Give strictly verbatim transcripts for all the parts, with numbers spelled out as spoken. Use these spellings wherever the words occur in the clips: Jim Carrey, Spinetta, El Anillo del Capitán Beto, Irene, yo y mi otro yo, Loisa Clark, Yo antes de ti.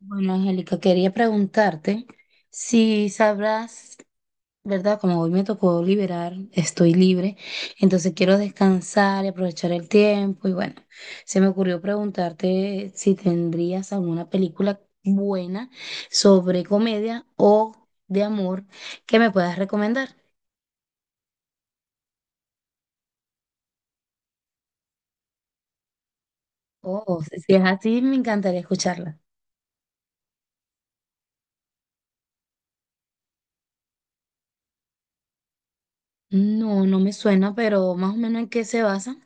Bueno, Angélica, quería preguntarte si sabrás, ¿verdad? Como hoy me tocó liberar, estoy libre, entonces quiero descansar y aprovechar el tiempo. Y bueno, se me ocurrió preguntarte si tendrías alguna película buena sobre comedia o de amor que me puedas recomendar. Oh, si es así, me encantaría escucharla. No, no me suena, pero más o menos en qué se basa.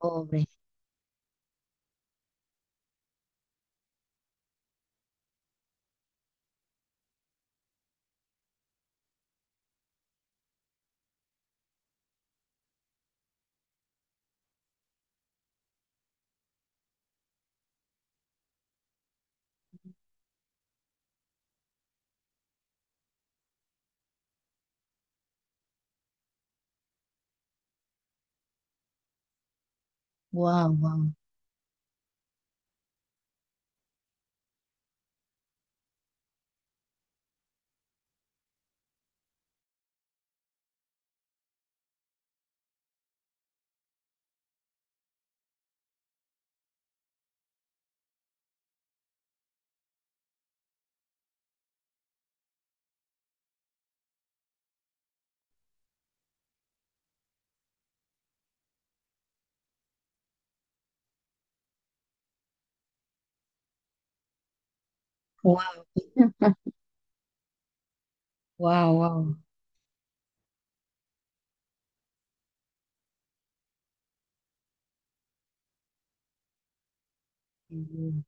Pobre. Wow, wow, wow, wow, wow. Mm.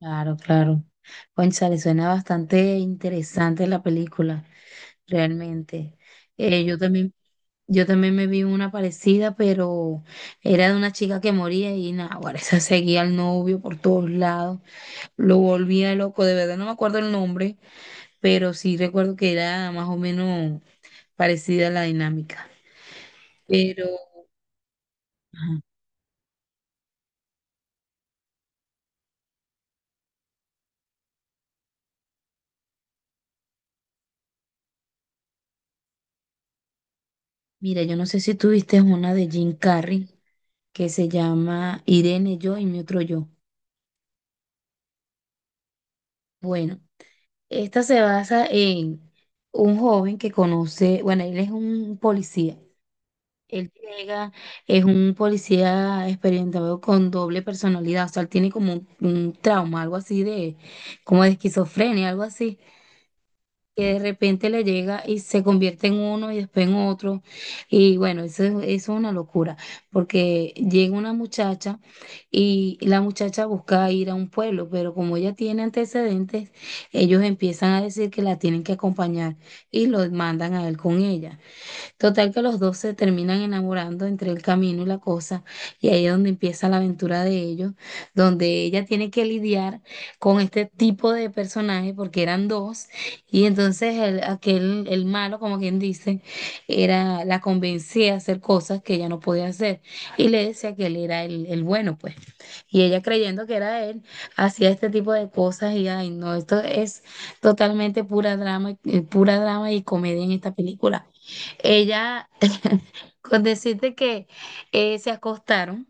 Claro, claro. Cónchale, suena bastante interesante la película, realmente. Eh, yo también, yo también me vi una parecida, pero era de una chica que moría y nada, ahora esa seguía al novio por todos lados, lo volvía loco, de verdad no me acuerdo el nombre, pero sí recuerdo que era más o menos parecida a la dinámica. Pero, ajá, mira, yo no sé si tú viste una de Jim Carrey que se llama Irene, yo y mi otro yo. Bueno, esta se basa en un joven que conoce, bueno, él es un policía. Él llega, es un policía experimentado con doble personalidad, o sea, él tiene como un, un trauma, algo así de, como de esquizofrenia, algo así. Que de repente le llega y se convierte en uno y después en otro. Y bueno, eso, es- eso es una locura, porque llega una muchacha y la muchacha busca ir a un pueblo, pero como ella tiene antecedentes, ellos empiezan a decir que la tienen que acompañar y lo mandan a él con ella. Total que los dos se terminan enamorando entre el camino y la cosa, y ahí es donde empieza la aventura de ellos, donde ella tiene que lidiar con este tipo de personajes, porque eran dos, y entonces el, aquel, el malo, como quien dice, era, la convencía a hacer cosas que ella no podía hacer, y le decía que él era el, el bueno, pues. Y ella creyendo que era él, hacía este tipo de cosas, y ay, no, esto es totalmente pura drama, eh, pura drama y comedia en esta película. Ella, con decirte que eh, se acostaron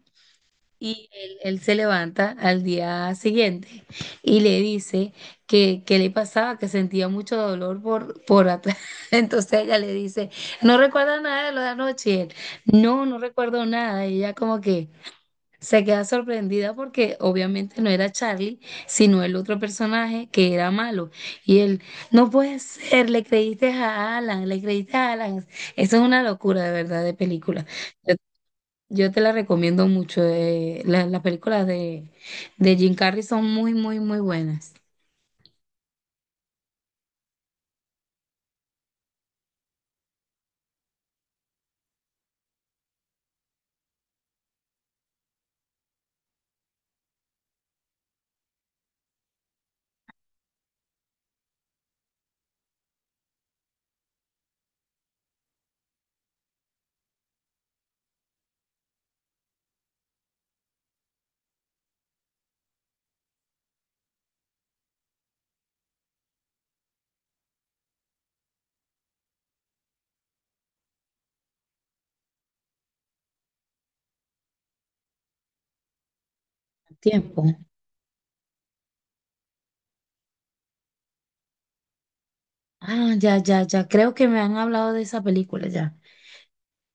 y él, él se levanta al día siguiente y le dice que, que le pasaba, que sentía mucho dolor por, por atrás. Entonces ella le dice, no recuerda nada de lo de anoche. Y él, no, no recuerdo nada. Y ella como que, se queda sorprendida porque obviamente no era Charlie, sino el otro personaje que era malo. Y él, no puede ser, le creíste a Alan, le creíste a Alan. Eso es una locura de verdad de película. Yo, yo te la recomiendo mucho. Eh, la- las películas de, de Jim Carrey son muy, muy, muy buenas. Tiempo. Ah, ya, ya, ya. Creo que me han hablado de esa película ya.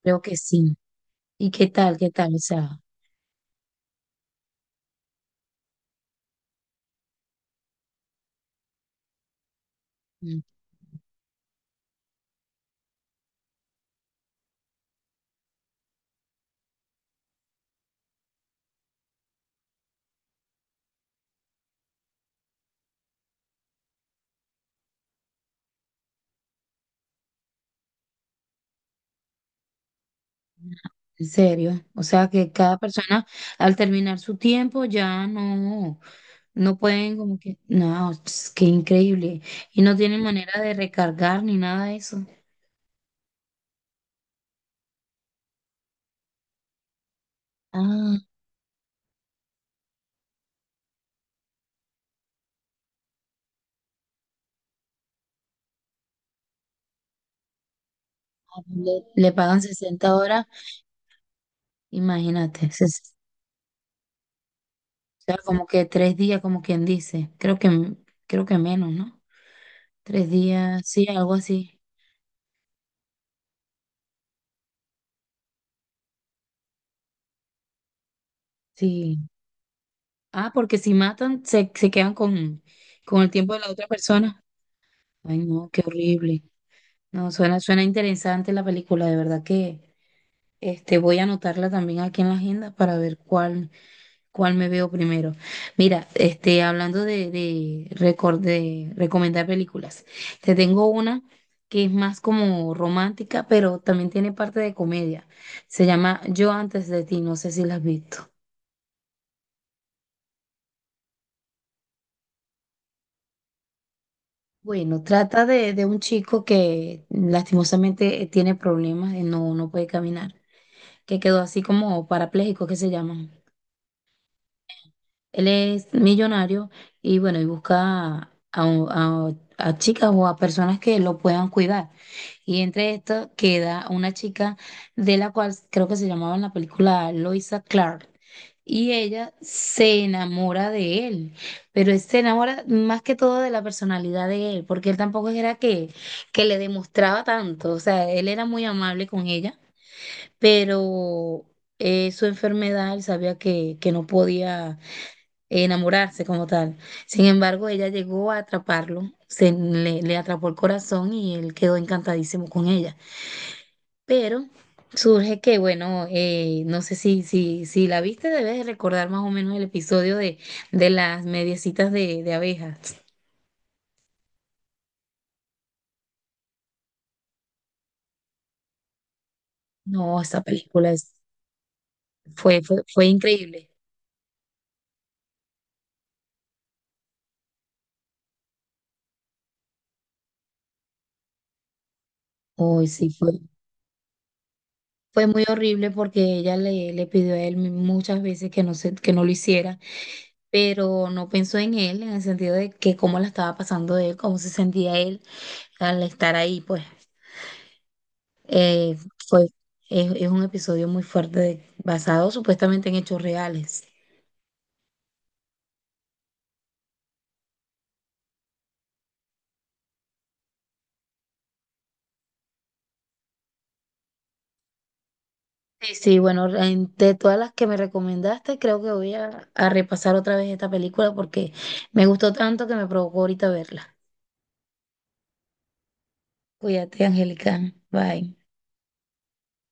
Creo que sí. ¿Y qué tal? ¿Qué tal? O sea. Mm. En serio, o sea que cada persona al terminar su tiempo ya no, no pueden como que, no, es que increíble. Y no tienen manera de recargar ni nada de eso. Ah, le, le pagan sesenta horas, imagínate, ses- o sea, como que tres días, como quien dice, creo que, m- creo que menos, ¿no? Tres días, sí, algo así, sí. Ah, porque si matan, se, se quedan con, con el tiempo de la otra persona. Ay, no, qué horrible. No, suena, suena interesante la película, de verdad que este, voy a anotarla también aquí en la agenda para ver cuál, cuál me veo primero. Mira, este, hablando de, de, recor- de recomendar películas, te tengo una que es más como romántica, pero también tiene parte de comedia. Se llama Yo antes de ti, no sé si la has visto. Bueno, trata de, de un chico que lastimosamente eh, tiene problemas, eh, no, no puede caminar, que quedó así como parapléjico, que se llaman. Él es millonario y bueno, y busca a, un- a- a chicas o a personas que lo puedan cuidar. Y entre esto queda una chica de la cual creo que se llamaba en la película Loisa Clark. Y ella se enamora de él, pero se enamora más que todo de la personalidad de él, porque él tampoco era que, que le demostraba tanto, o sea, él era muy amable con ella, pero eh, su enfermedad, él sabía que, que no podía e enamorarse como tal. Sin embargo, ella llegó a atraparlo, se le, le atrapó el corazón y él quedó encantadísimo con ella. Pero surge que, bueno, eh, no sé si, si, si la viste, debes de recordar más o menos el episodio de, de las mediecitas de, de abejas. No, esta película es- fue, fue, fue increíble. Hoy sí, fue, fue muy horrible porque ella le, le pidió a él muchas veces que no, se, que no lo hiciera pero no pensó en él, en el sentido de que cómo la estaba pasando él, cómo se sentía él al estar ahí, pues eh, fue, es, es un episodio muy fuerte de- basado supuestamente en hechos reales. Sí, sí, bueno, en- de todas las que me recomendaste, creo que voy a, a repasar otra vez esta película porque me gustó tanto que me provocó ahorita verla. Cuídate, Angélica. Bye.